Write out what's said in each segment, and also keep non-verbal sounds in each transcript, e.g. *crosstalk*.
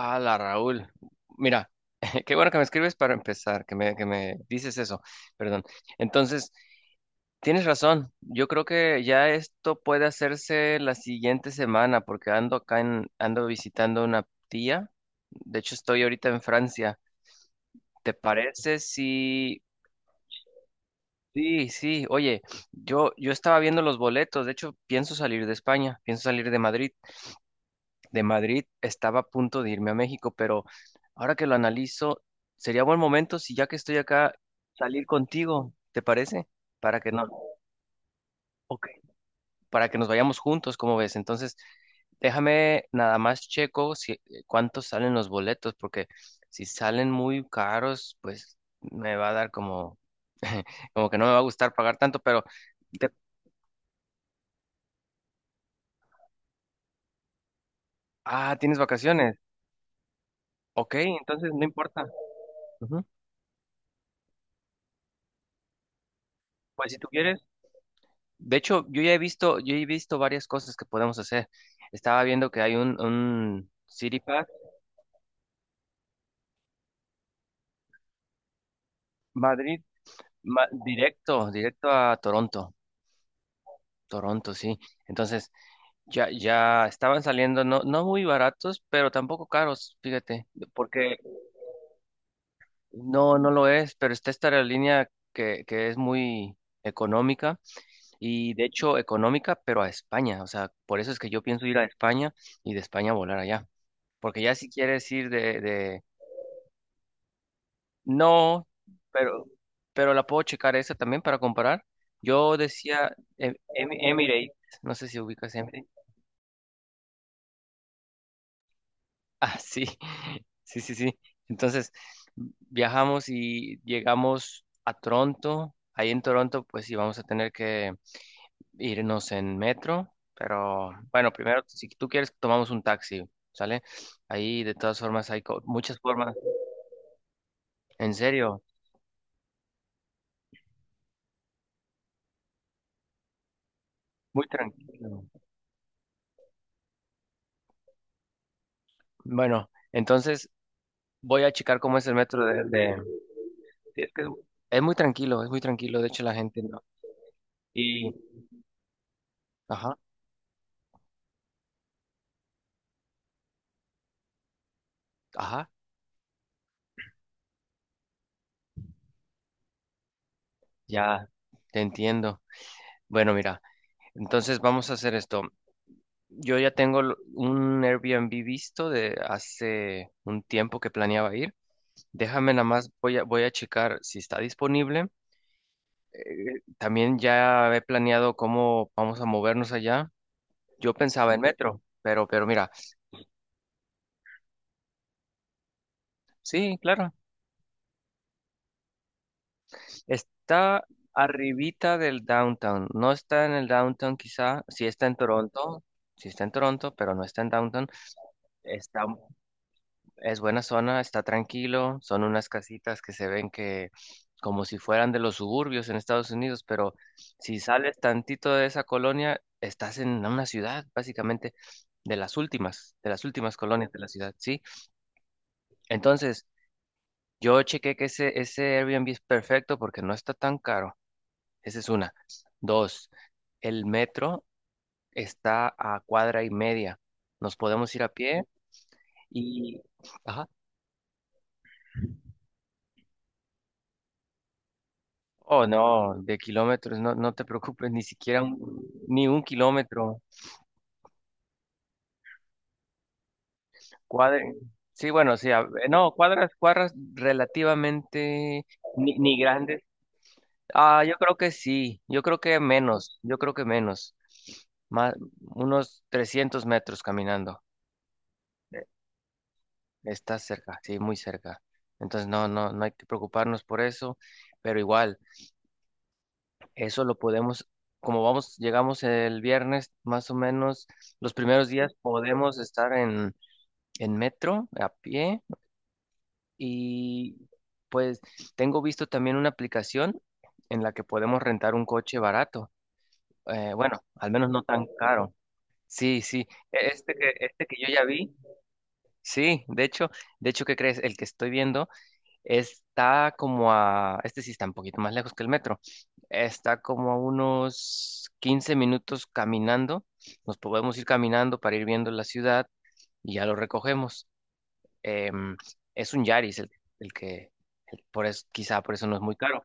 Hola Raúl, mira, *laughs* qué bueno que me escribes para empezar, que me dices eso, perdón. Entonces, tienes razón, yo creo que ya esto puede hacerse la siguiente semana porque ando visitando una tía, de hecho estoy ahorita en Francia. ¿Te parece si... Sí, sí, oye, yo estaba viendo los boletos, de hecho pienso salir de España, pienso salir de Madrid. De Madrid estaba a punto de irme a México, pero ahora que lo analizo, sería buen momento si ya que estoy acá, salir contigo, ¿te parece? Para que no, ok, para que nos vayamos juntos, ¿cómo ves? Entonces, déjame nada más checo si cuántos salen los boletos, porque si salen muy caros, pues me va a dar como, *laughs* como que no me va a gustar pagar tanto, pero te- ah, tienes vacaciones. Ok, entonces no importa. Ujú. Pues si tú quieres. De hecho, yo he visto varias cosas que podemos hacer. Estaba viendo que hay un City Pack Madrid, directo, directo a Toronto. Toronto, sí. Entonces, ya estaban saliendo, no muy baratos, pero tampoco caros, fíjate, porque no, no lo es, pero está esta aerolínea que es muy económica y de hecho económica, pero a España. O sea, por eso es que yo pienso ir a España y de España volar allá. Porque ya si quieres ir de no, pero, pero la puedo checar esa también para comparar. Yo decía Emirates, no sé si ubicas Emirates. Ah, sí, *laughs* sí, sí, sí. Entonces viajamos y llegamos a Toronto. Ahí en Toronto, pues sí, vamos a tener que irnos en metro. Pero bueno, primero, si tú quieres, tomamos un taxi, ¿sale? Ahí de todas formas hay muchas formas. En serio, muy tranquilo. Bueno, entonces voy a checar cómo es el metro sí, es muy tranquilo, de hecho la gente no. Y, ajá, ajá, ya te entiendo. Bueno, mira, entonces vamos a hacer esto. Yo ya tengo un Airbnb visto de hace un tiempo que planeaba ir. Déjame nada más, voy a checar si está disponible. Eh, también ya he planeado cómo vamos a movernos allá. Yo pensaba en metro, pero mira, sí, claro. Está arribita del downtown. No está en el downtown quizá. Sí está en Toronto. Sí está en Toronto, pero no está en downtown. Está, es buena zona, está tranquilo. Son unas casitas que se ven que como si fueran de los suburbios en Estados Unidos, pero si sales tantito de esa colonia, estás en una ciudad, básicamente, de las últimas colonias de la ciudad, ¿sí? Entonces, yo chequé que ese Airbnb es perfecto porque no está tan caro. Esa es una. Dos, el metro está a cuadra y media. Nos podemos ir a pie y... Ajá. Oh, no, de kilómetros, no, no te preocupes, ni un kilómetro. Cuadra... Sí, bueno, sí, no, cuadras, cuadras relativamente ni grandes. Ah, yo creo que sí, yo creo que menos, yo creo que menos. Más, unos 300 metros caminando. Está cerca, sí, muy cerca. Entonces no hay que preocuparnos por eso, pero igual, eso lo podemos, como vamos, llegamos el viernes, más o menos, los primeros días podemos estar en metro, a pie, y pues tengo visto también una aplicación en la que podemos rentar un coche barato. Bueno, al menos no tan caro. Sí, sí. Este que yo ya vi, sí, de hecho, ¿qué crees? El que estoy viendo. Está como a, este sí está un poquito más lejos que el metro. Está como a unos 15 minutos caminando. Nos podemos ir caminando para ir viendo la ciudad y ya lo recogemos. Em, es un Yaris el que, por eso, quizá por eso no es muy caro.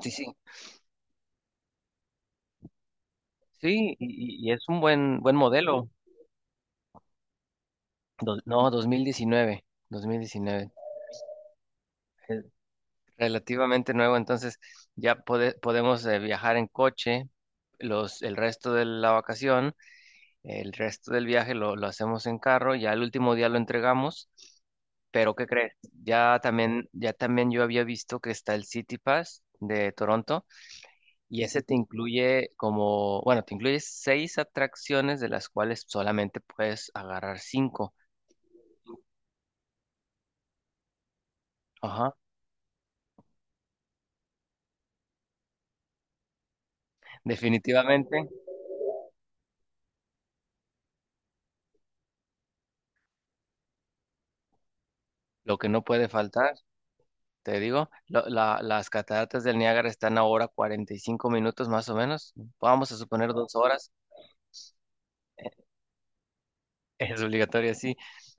Sí, sí. Sí, y es un buen, buen modelo. No, 2019, 2019. Es relativamente nuevo, entonces ya podemos viajar en coche los, el resto de la vacación. El resto del viaje lo hacemos en carro, ya el último día lo entregamos, pero ¿qué crees? Ya también yo había visto que está el City Pass de Toronto y ese te incluye como, bueno, te incluye seis atracciones de las cuales solamente puedes agarrar cinco. Ajá. Definitivamente, lo que no puede faltar, te digo, las cataratas del Niágara están ahora 45 minutos más o menos, vamos a suponer 2 horas. Es obligatoria, sí.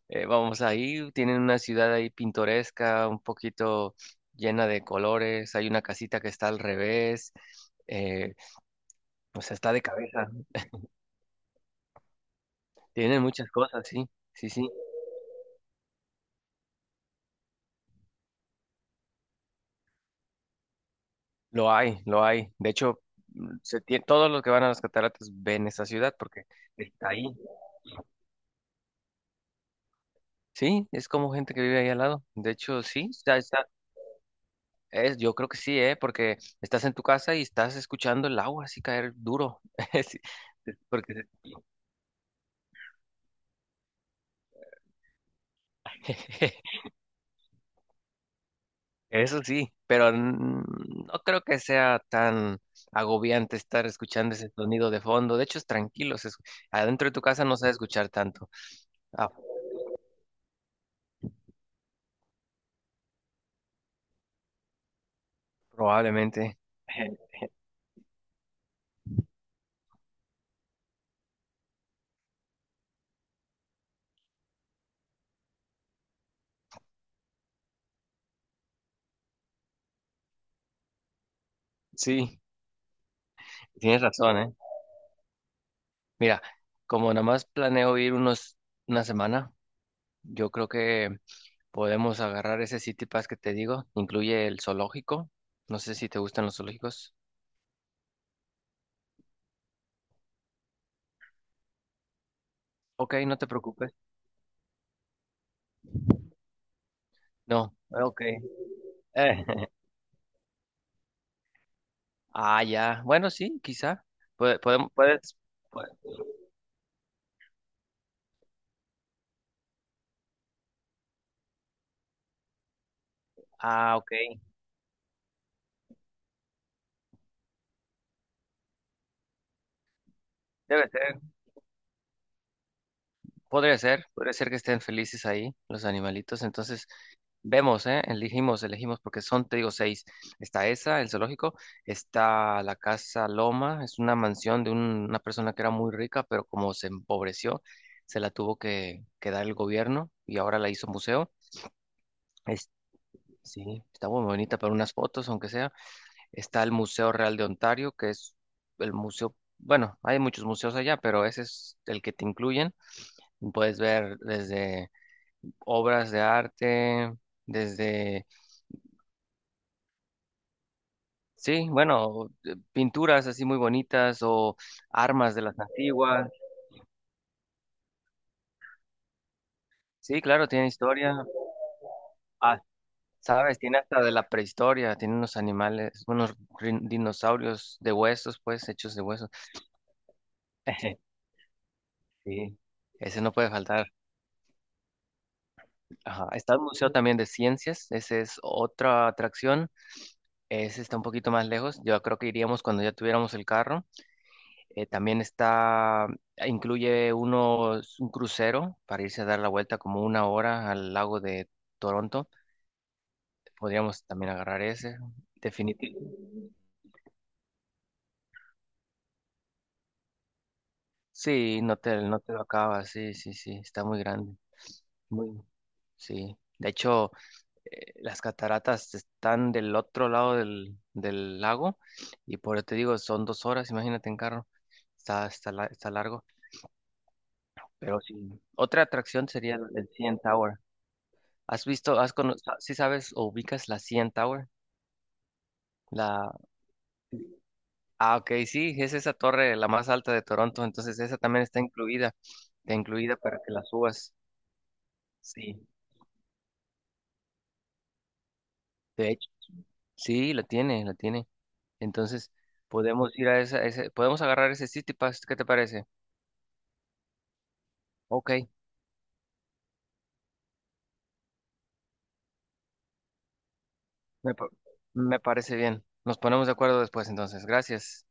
Vamos ahí, tienen una ciudad ahí pintoresca, un poquito llena de colores, hay una casita que está al revés, eh, o sea, está de cabeza. Tienen muchas cosas, sí, sí, sí, lo hay, lo hay. De hecho, mm, todos los que van a las cataratas ven esa ciudad porque está ahí. Sí, es como gente que vive ahí al lado. De hecho, sí, está, está, es, yo creo que sí, ¿eh? Porque estás en tu casa y estás escuchando el agua así caer duro. *laughs* Sí, porque *laughs* eso sí, pero no creo que sea tan agobiante estar escuchando ese sonido de fondo. De hecho, es tranquilo. Adentro de tu casa no se va a escuchar tanto. Ah, probablemente. *laughs* Sí, tienes razón, ¿eh? Mira, como nada más planeo ir una semana, yo creo que podemos agarrar ese City Pass que te digo. Incluye el zoológico. No sé si te gustan los zoológicos. Ok, no te preocupes. No, ok. *laughs* Ah, ya. Bueno, sí, quizá. Puede, podemos, puedes. pue- ah, ok. Debe ser. Podría ser. Podría ser que estén felices ahí, los animalitos. Entonces, vemos, ¿eh? Elegimos, elegimos, porque son, te digo, seis. Está esa, el zoológico. Está la Casa Loma. Es una mansión de una persona que era muy rica, pero como se empobreció, se la tuvo que dar el gobierno y ahora la hizo museo. Es- sí, está muy bonita para unas fotos, aunque sea. Está el Museo Real de Ontario, que es el museo, bueno, hay muchos museos allá, pero ese es el que te incluyen. Puedes ver desde obras de arte, desde, sí, bueno, pinturas así muy bonitas o armas de las antiguas. Sí, claro, tiene historia. Ah, sabes, tiene hasta de la prehistoria, tiene unos animales, dinosaurios de huesos, pues, hechos de huesos. *laughs* Sí, ese no puede faltar. Ajá, está el Museo también de Ciencias, esa es otra atracción, ese está un poquito más lejos, yo creo que iríamos cuando ya tuviéramos el carro. También está, un crucero para irse a dar la vuelta como una hora al lago de Toronto, podríamos también agarrar ese, definitivamente. Sí, no te lo acabas, sí, sí, sí, está muy grande, muy, sí. De hecho, las cataratas están del otro lado del, del lago y por eso te digo, son 2 horas, imagínate en carro, está largo, pero sí, otra atracción sería la del CN Tower. ¿Has visto, has cono- sa- ¿Si sabes o ubicas la CN Tower? La, ah, ok, sí, es esa torre la más alta de Toronto, entonces esa también está incluida para que la subas. Sí, de hecho, sí, la tiene, la tiene. Entonces, podemos ir a esa, ese, podemos agarrar ese City Pass, ¿qué te parece? Ok, me, pa- me parece bien. Nos ponemos de acuerdo después entonces. Gracias.